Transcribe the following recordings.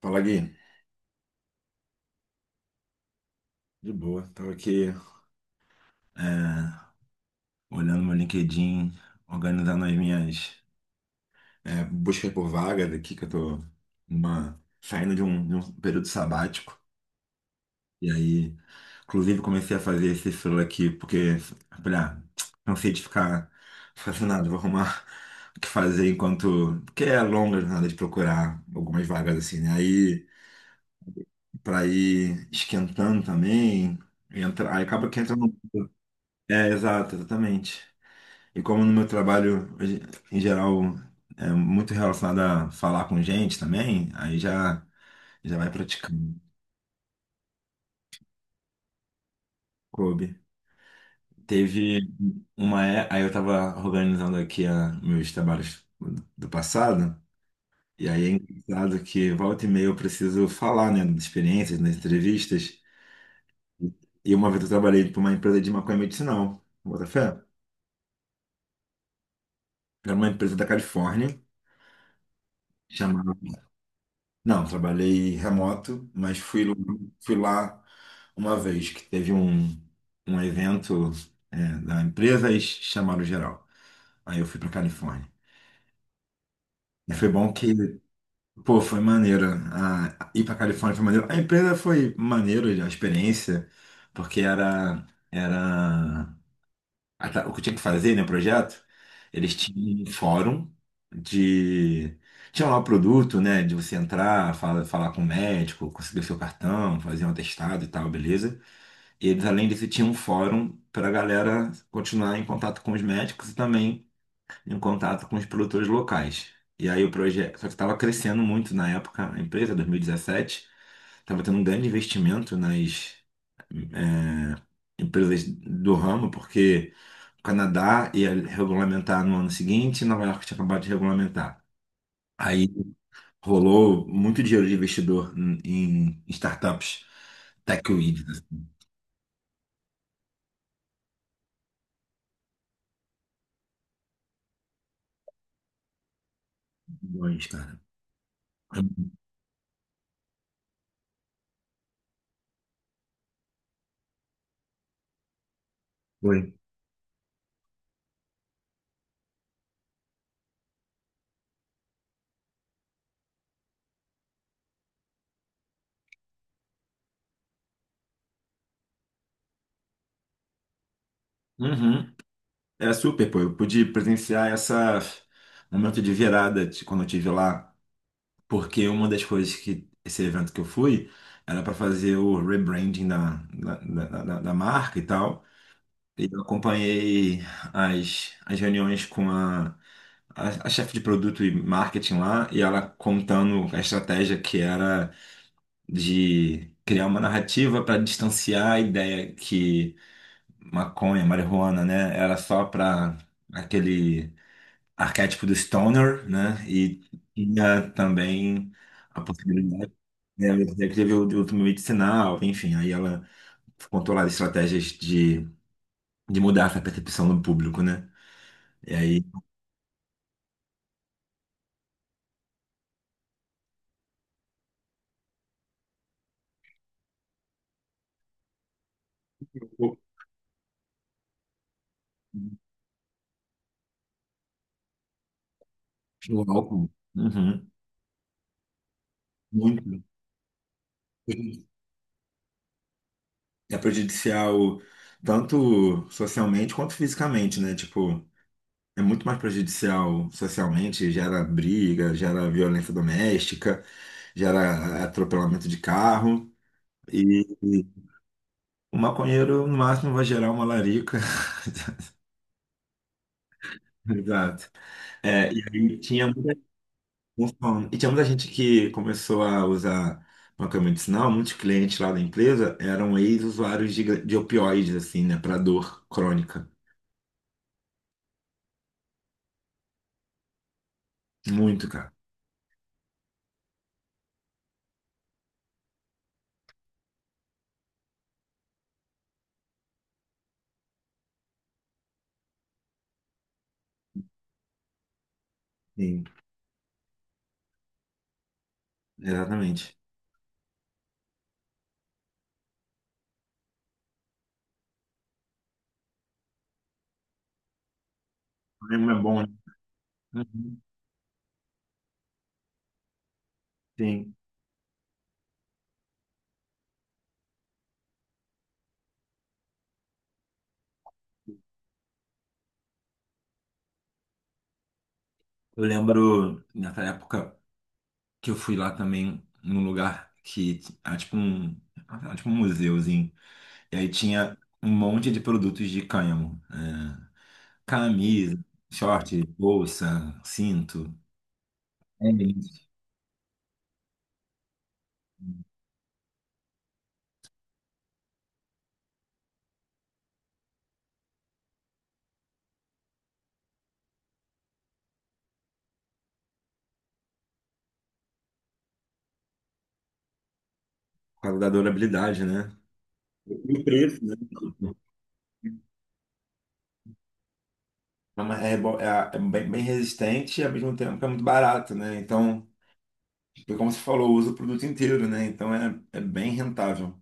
Fala, Gui. De boa. Tava aqui é, olhando meu LinkedIn, organizando as minhas buscas por vagas aqui, que eu tô saindo de um período sabático. E aí, inclusive, comecei a fazer esse selo aqui, porque falei, ah, não sei, de ficar fascinado, vou arrumar o que fazer enquanto. Porque é longa a jornada de procurar algumas vagas, assim, né? Aí, pra ir esquentando também, aí acaba que entra no. É, exato, exatamente. E como no meu trabalho, hoje, em geral, é muito relacionado a falar com gente também, aí já vai praticando. Coube. Teve uma. Aí eu tava organizando aqui meus trabalhos do passado, e aí é engraçado que volta e meia eu preciso falar, né, das experiências, nas entrevistas. E uma vez eu trabalhei para uma empresa de maconha medicinal, bota fé? Era uma empresa da Califórnia, chamada. Não, trabalhei remoto, mas fui lá uma vez que teve um evento da empresa e chamaram geral. Aí eu fui para Califórnia. E foi bom que, pô, foi maneiro. A, ir para Califórnia foi maneiro. A empresa foi maneiro, a experiência, porque era. Ah, tá. O que eu tinha que fazer, né, projeto? Eles tinham um fórum de. Tinha lá o produto, né, de você entrar, falar com o médico, conseguir o seu cartão, fazer um atestado e tal, beleza? E eles, além disso, tinham um fórum para a galera continuar em contato com os médicos e também em contato com os produtores locais. E aí o projeto. Só que estava crescendo muito na época, a empresa, 2017, estava tendo um grande investimento nas. eh, empresas do ramo, porque o Canadá ia regulamentar no ano seguinte, Nova York tinha acabado de regulamentar. Aí rolou muito dinheiro de investidor em startups, tech weed, né? Milhões, cara. Foi. Uhum. É super, pô. Eu pude presenciar essa momento de virada de quando eu tive lá, porque uma das coisas que esse evento que eu fui era para fazer o rebranding da marca e tal. E eu acompanhei as reuniões com a chefe de produto e marketing lá, e ela contando a estratégia que era de criar uma narrativa para distanciar a ideia que maconha, marijuana, né, era só para aquele arquétipo do stoner, né, e tinha também a possibilidade, né, de teve o uso medicinal, enfim, aí ela contou lá estratégias de mudar essa percepção do público, né, e aí o o álcool, uhum, muito. É prejudicial tanto socialmente quanto fisicamente, né? Tipo, é muito mais prejudicial socialmente, gera briga, gera violência doméstica, gera atropelamento de carro. E e o maconheiro, no máximo, vai gerar uma larica. Exato. É, e aí tinha muita, vamos falando, e tinha muita gente que começou a usar maconha medicinal, muitos clientes lá da empresa eram ex-usuários de opioides, assim, né, para dor crônica. Muito, cara. Sim. Exatamente. Lembro, é bom, né? Uhum. Sim. Eu lembro nessa época que eu fui lá também num lugar que era tipo um museuzinho. E aí tinha um monte de produtos de cânhamo. Camisa, short, bolsa, cinto. É isso. Por causa da durabilidade, né? E o preço, né? É bem, bem resistente e ao mesmo tempo é muito barato, né? Então, como você falou, usa o produto inteiro, né? Então é bem rentável.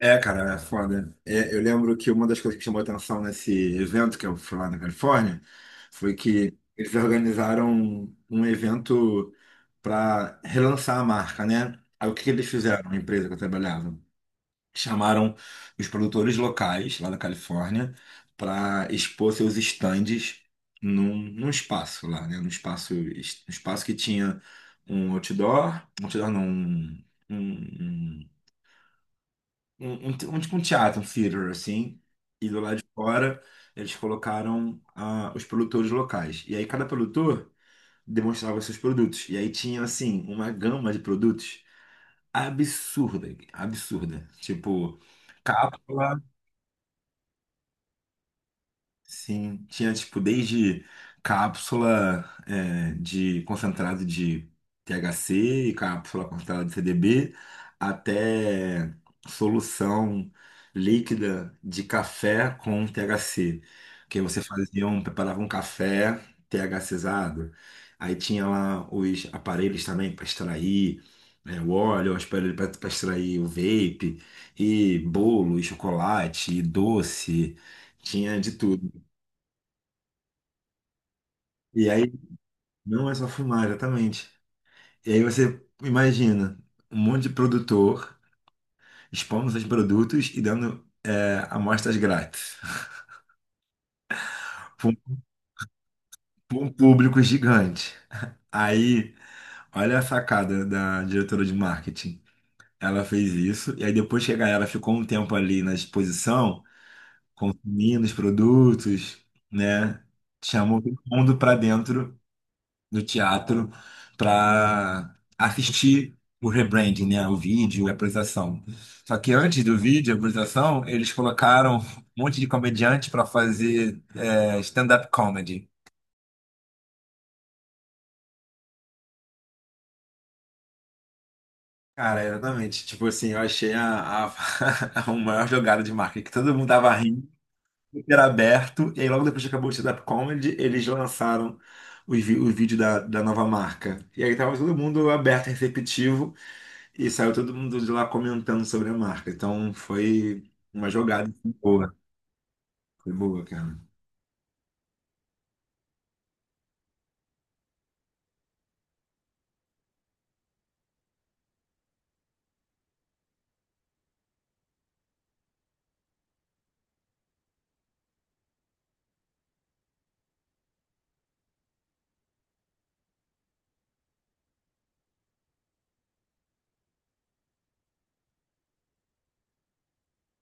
É, cara, é foda. É, eu lembro que uma das coisas que chamou atenção nesse evento que eu fui lá na Califórnia foi que eles organizaram um evento para relançar a marca, né? Aí o que que eles fizeram, a empresa que eu trabalhava? Chamaram os produtores locais lá da Califórnia para expor seus estandes num espaço lá, né? Num espaço, um espaço que tinha um outdoor não, um- um tipo um teatro, um theater, assim, e do lado de fora eles colocaram os produtores locais. E aí cada produtor demonstrava seus produtos. E aí tinha, assim, uma gama de produtos absurda, absurda. Tipo, cápsula. Sim, tinha tipo desde cápsula de concentrado de THC e cápsula concentrada de CDB até solução líquida de café com THC, que você preparava um café THCizado. Aí tinha lá os aparelhos também para extrair o óleo, os aparelhos para extrair o vape, e bolo, e chocolate, e doce, tinha de tudo. E aí não é só fumar, exatamente. E aí você imagina um monte de produtor expondo seus produtos e dando amostras grátis para um, pra um público gigante. Aí, olha a sacada da diretora de marketing. Ela fez isso, e aí depois que a galera ficou um tempo ali na exposição, consumindo os produtos, né? Chamou todo mundo para dentro no teatro para assistir o rebranding, né? O vídeo, a apresentação. Só que antes do vídeo, a apresentação, eles colocaram um monte de comediante para fazer stand-up comedy. Cara, exatamente. Tipo assim, eu achei a maior jogada de marketing, que todo mundo tava rindo, era aberto, e aí logo depois que acabou o stand-up comedy, eles lançaram o vídeo da nova marca. E aí tava todo mundo aberto, receptivo. E saiu todo mundo de lá comentando sobre a marca. Então foi uma jogada assim, boa. Foi boa, cara.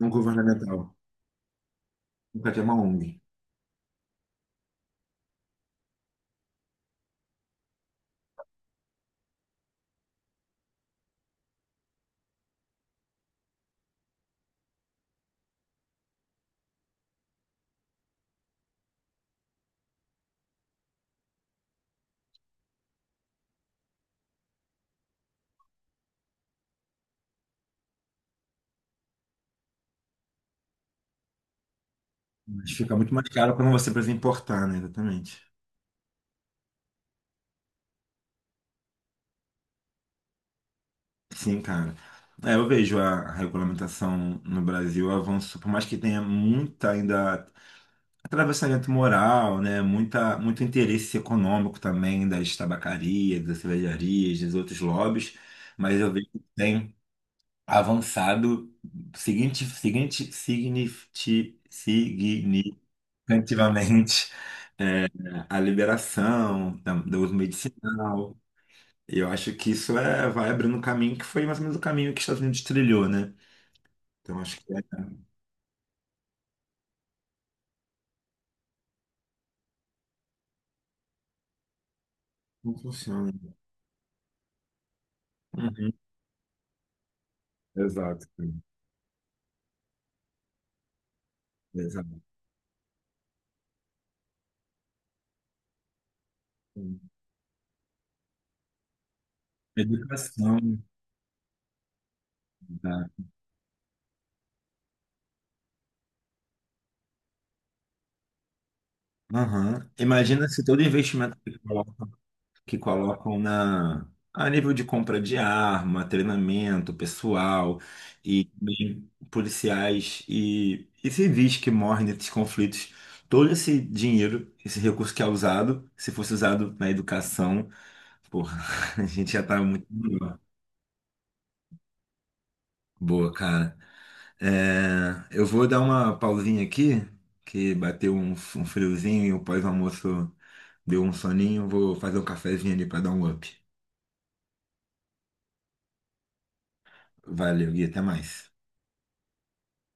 Não governamental. Nunca tinha uma ONG. Mas fica muito mais caro quando você precisa importar, né? Exatamente. Sim, cara. É, eu vejo, a regulamentação no Brasil avançou, por mais que tenha muita ainda atravessamento moral, né? Muita, muito interesse econômico também das tabacarias, das cervejarias, dos outros lobbies, mas eu vejo que tem avançado, significativamente a liberação do uso medicinal. E eu acho que isso vai abrindo um caminho que foi mais ou menos o caminho que os Estados Unidos trilhou, né? Então acho que é como funciona. Uhum. Exato, sim. Exato. Sim. Educação. Tá? Aham. Imagina se todo investimento que colocam na a nível de compra de arma, treinamento pessoal e também policiais e civis que morrem nesses conflitos. Todo esse dinheiro, esse recurso que é usado, se fosse usado na educação, porra, a gente já tá muito melhor. Boa, cara. É, eu vou dar uma pausinha aqui, que bateu um friozinho e o pós-almoço deu um soninho. Vou fazer um cafezinho ali pra dar um up. Valeu, Gui, até mais.